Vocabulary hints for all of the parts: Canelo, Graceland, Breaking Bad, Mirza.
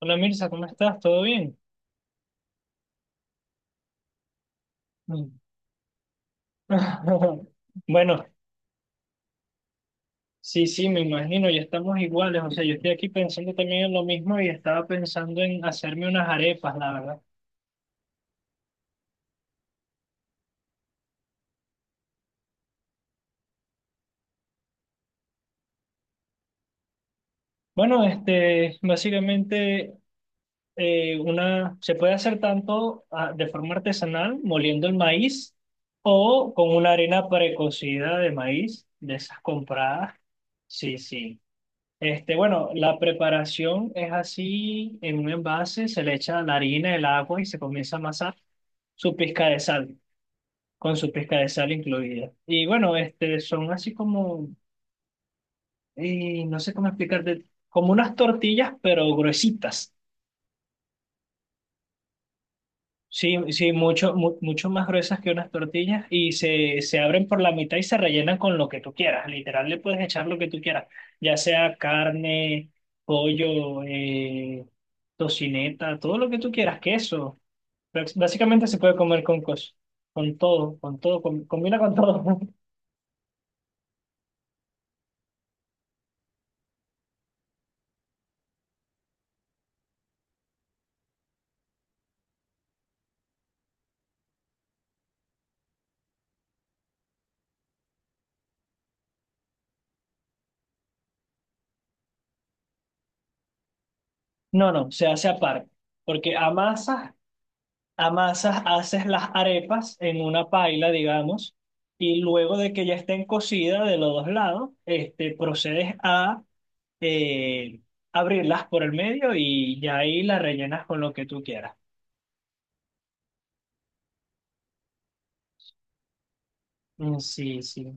Hola Mirza, ¿cómo estás? ¿Todo bien? Mm. Bueno, sí, sí, me imagino, ya estamos iguales. O sea, yo estoy aquí pensando también en lo mismo y estaba pensando en hacerme unas arepas, la verdad. Bueno, este, básicamente, una, se puede hacer tanto ah, de forma artesanal, moliendo el maíz, o con una harina precocida de maíz, de esas compradas. Sí, sí. Este, bueno, la preparación es así, en un envase se le echa la harina, el agua y se comienza a amasar su pizca de sal, con su pizca de sal incluida. Y bueno, este, son así como, no sé cómo explicarte, como unas tortillas, pero gruesitas. Sí, sí, mucho, mucho más gruesas que unas tortillas y se abren por la mitad y se rellenan con lo que tú quieras. Literal, le puedes echar lo que tú quieras, ya sea carne, pollo, tocineta, todo lo que tú quieras, queso. Básicamente se puede comer con cosas, con todo, combina con todo. No, no, se hace aparte, porque Amasas, haces las arepas en una paila, digamos, y luego de que ya estén cocidas de los dos lados, este, procedes a eh, abrirlas por el medio y ya ahí las rellenas con lo que tú quieras. Mm, sí, sí.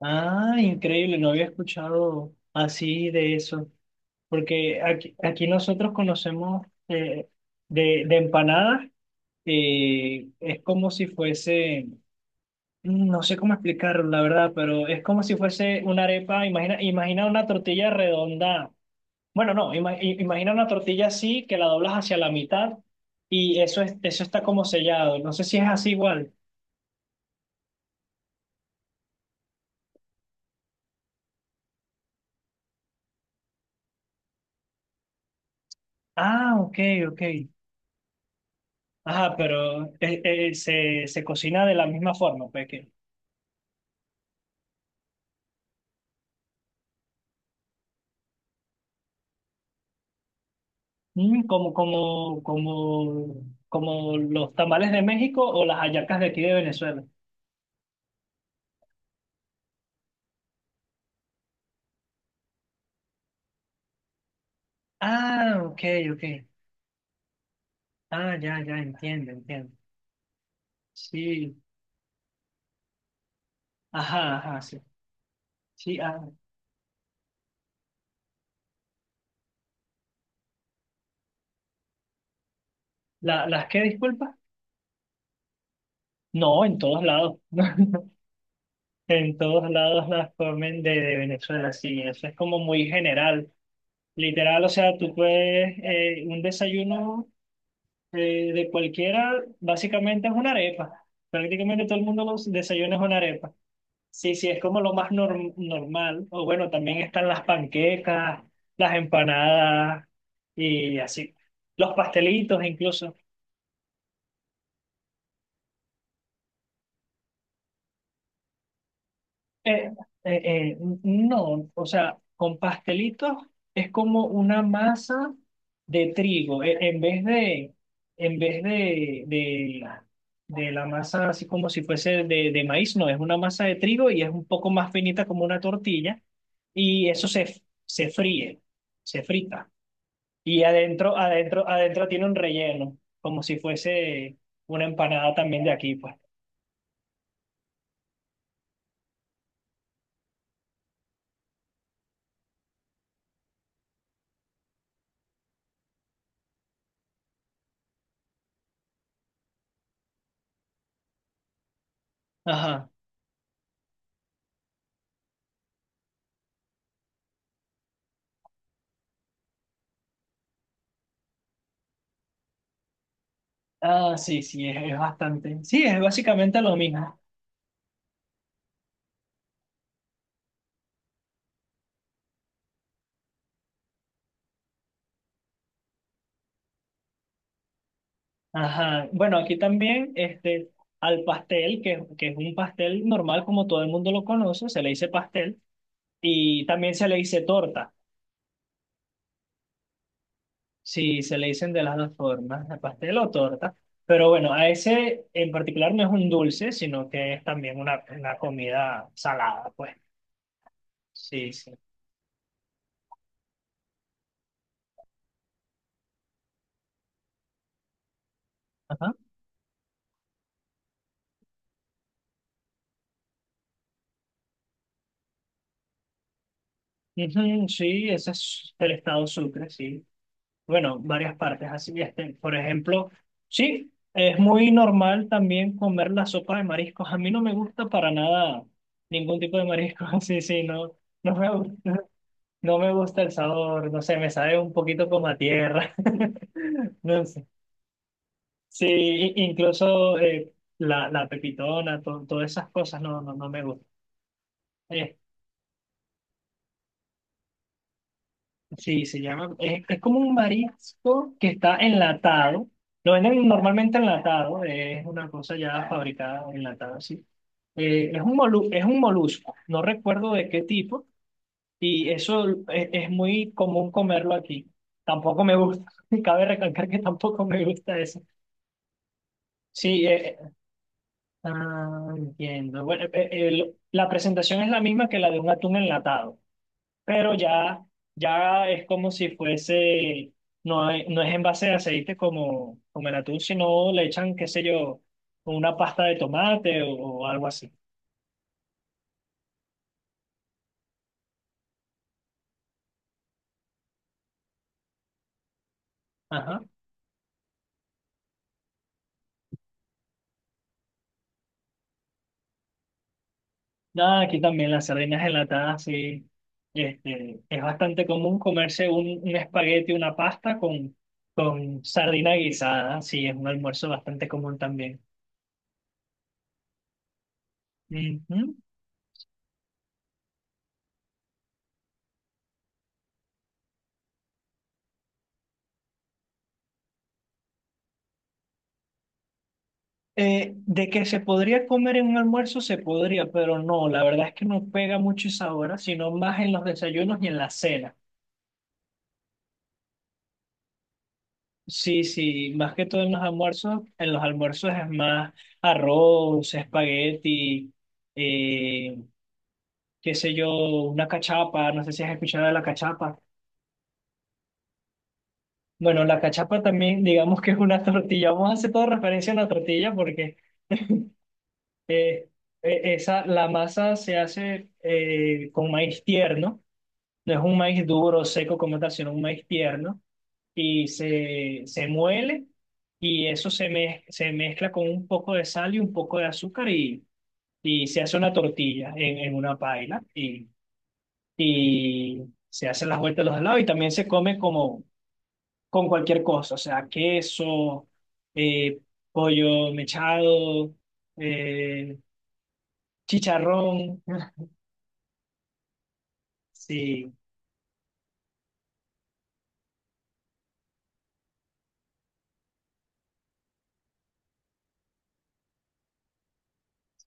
Ah, increíble, no había escuchado así de eso, porque aquí nosotros conocemos de empanadas, es como si fuese. No sé cómo explicarlo, la verdad, pero es como si fuese una arepa. Imagina, imagina una tortilla redonda. Bueno, no, imagina una tortilla así que la doblas hacia la mitad y eso es, eso está como sellado. No sé si es así igual. Ah, ok, ok. Ajá, pero se cocina de la misma forma, pues que mm, como, como, como, como los tamales de México o las hallacas de aquí de Venezuela. Ah, ok, ok. Ah, ya, ya, entiendo, entiendo. Sí. Ajá, ajá, sí. Sí, ¿las qué, disculpa? No, en todos lados. En todos lados las comen de Venezuela, sí. Eso es como muy general. Literal, o sea, tú puedes, un desayuno de cualquiera, básicamente es una arepa. Prácticamente todo el mundo los desayunos es una arepa. Sí, sí, es como lo más normal. O bueno, también están las panquecas, las empanadas y así. Los pastelitos incluso. Eh, eh, eh, no, o sea, con pastelitos es como una masa de trigo. En vez de, en vez de, de, la, de la masa así como si fuese de, maíz, no, es una masa de trigo y es un poco más finita como una tortilla. Y eso se fríe, se frita. Y adentro, adentro, adentro tiene un relleno, como si fuese una empanada también de aquí, pues. Ajá. Ah, sí, sí, es bastante. Sí, es básicamente lo mismo. Ajá. Bueno, aquí también, este, al pastel, que es un pastel normal como todo el mundo lo conoce, se le dice pastel y también se le dice torta. Sí, se le dicen de las dos formas, de pastel o torta. Pero bueno, a ese en particular no es un dulce, sino que es también una comida salada, pues. Sí, sí. Ajá. Ujú, sí, ese es el estado Sucre, sí. Bueno, varias partes. Así, este, por ejemplo, sí, es muy normal también comer la sopa de mariscos. A mí no me gusta para nada ningún tipo de marisco. Sí, sí, no, no me gusta, no me gusta el sabor. No sé, me sabe un poquito como a tierra. No sé. Sí, incluso la pepitona, todas esas cosas no, no, no me gustan. Sí, se llama, es como un marisco que está enlatado. Lo venden normalmente enlatado, es una cosa ya fabricada enlatada, sí. Es un molusco, no recuerdo de qué tipo, y eso es muy común comerlo aquí. Tampoco me gusta, cabe recalcar que tampoco me gusta eso. Sí, entiendo. Bueno, la presentación es la misma que la de un atún enlatado. Pero ya, ya es como si fuese, no, no es en base de aceite como el atún, sino le echan, qué sé yo, una pasta de tomate o algo así. Ajá. Nada, aquí también las sardinas enlatadas, sí. Este, es bastante común comerse un espagueti, una pasta con sardina guisada, sí, es un almuerzo bastante común también. Ujú. De que se podría comer en un almuerzo, se podría, pero no, la verdad es que no pega mucho esa hora, sino más en los desayunos y en la cena. Sí, sí, más que todo en los almuerzos es más arroz, espagueti, eh, qué sé yo, una cachapa, no sé si has escuchado de la cachapa. Bueno, la cachapa también, digamos que es una tortilla, vamos a hacer toda referencia a la tortilla porque eh, esa, la masa se hace con maíz tierno. No es un maíz duro, seco como tal, sino un maíz tierno. Y se muele y eso se mezcla con un poco de sal y un poco de azúcar y se hace una tortilla en, una paila y se hacen las vueltas a los lados y también se come como con cualquier cosa, o sea, queso, eh, pollo mechado, eh, chicharrón. Sí.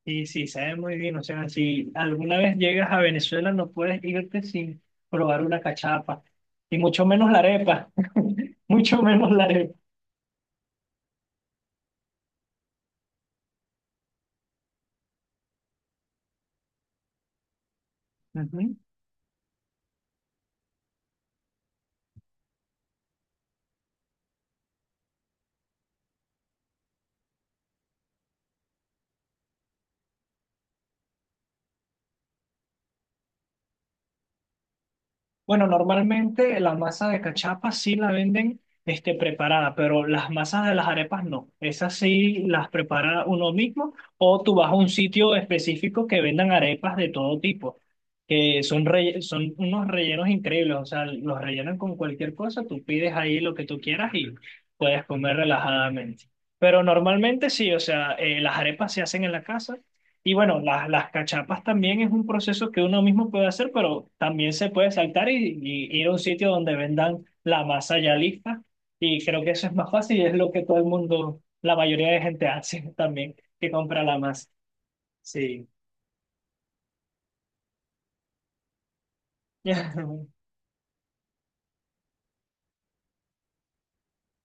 Sí, sí, sabe muy bien. O sea, si alguna vez llegas a Venezuela, no puedes irte sin probar una cachapa. Y mucho menos la arepa. Mucho menos la arepa. Bueno, normalmente la masa de cachapa sí la venden este, preparada, pero las masas de las arepas no. Esas sí las prepara uno mismo o tú vas a un sitio específico que vendan arepas de todo tipo, que son unos rellenos increíbles, o sea, los rellenan con cualquier cosa, tú pides ahí lo que tú quieras y puedes comer relajadamente. Pero normalmente sí, o sea, las arepas se hacen en la casa y bueno, las cachapas también es un proceso que uno mismo puede hacer, pero también se puede saltar y ir a un sitio donde vendan la masa ya lista. Y creo que eso es más fácil y es lo que todo el mundo, la mayoría de gente hace también, que compra la masa. Sí.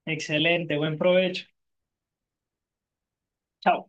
Excelente, buen provecho. Chao.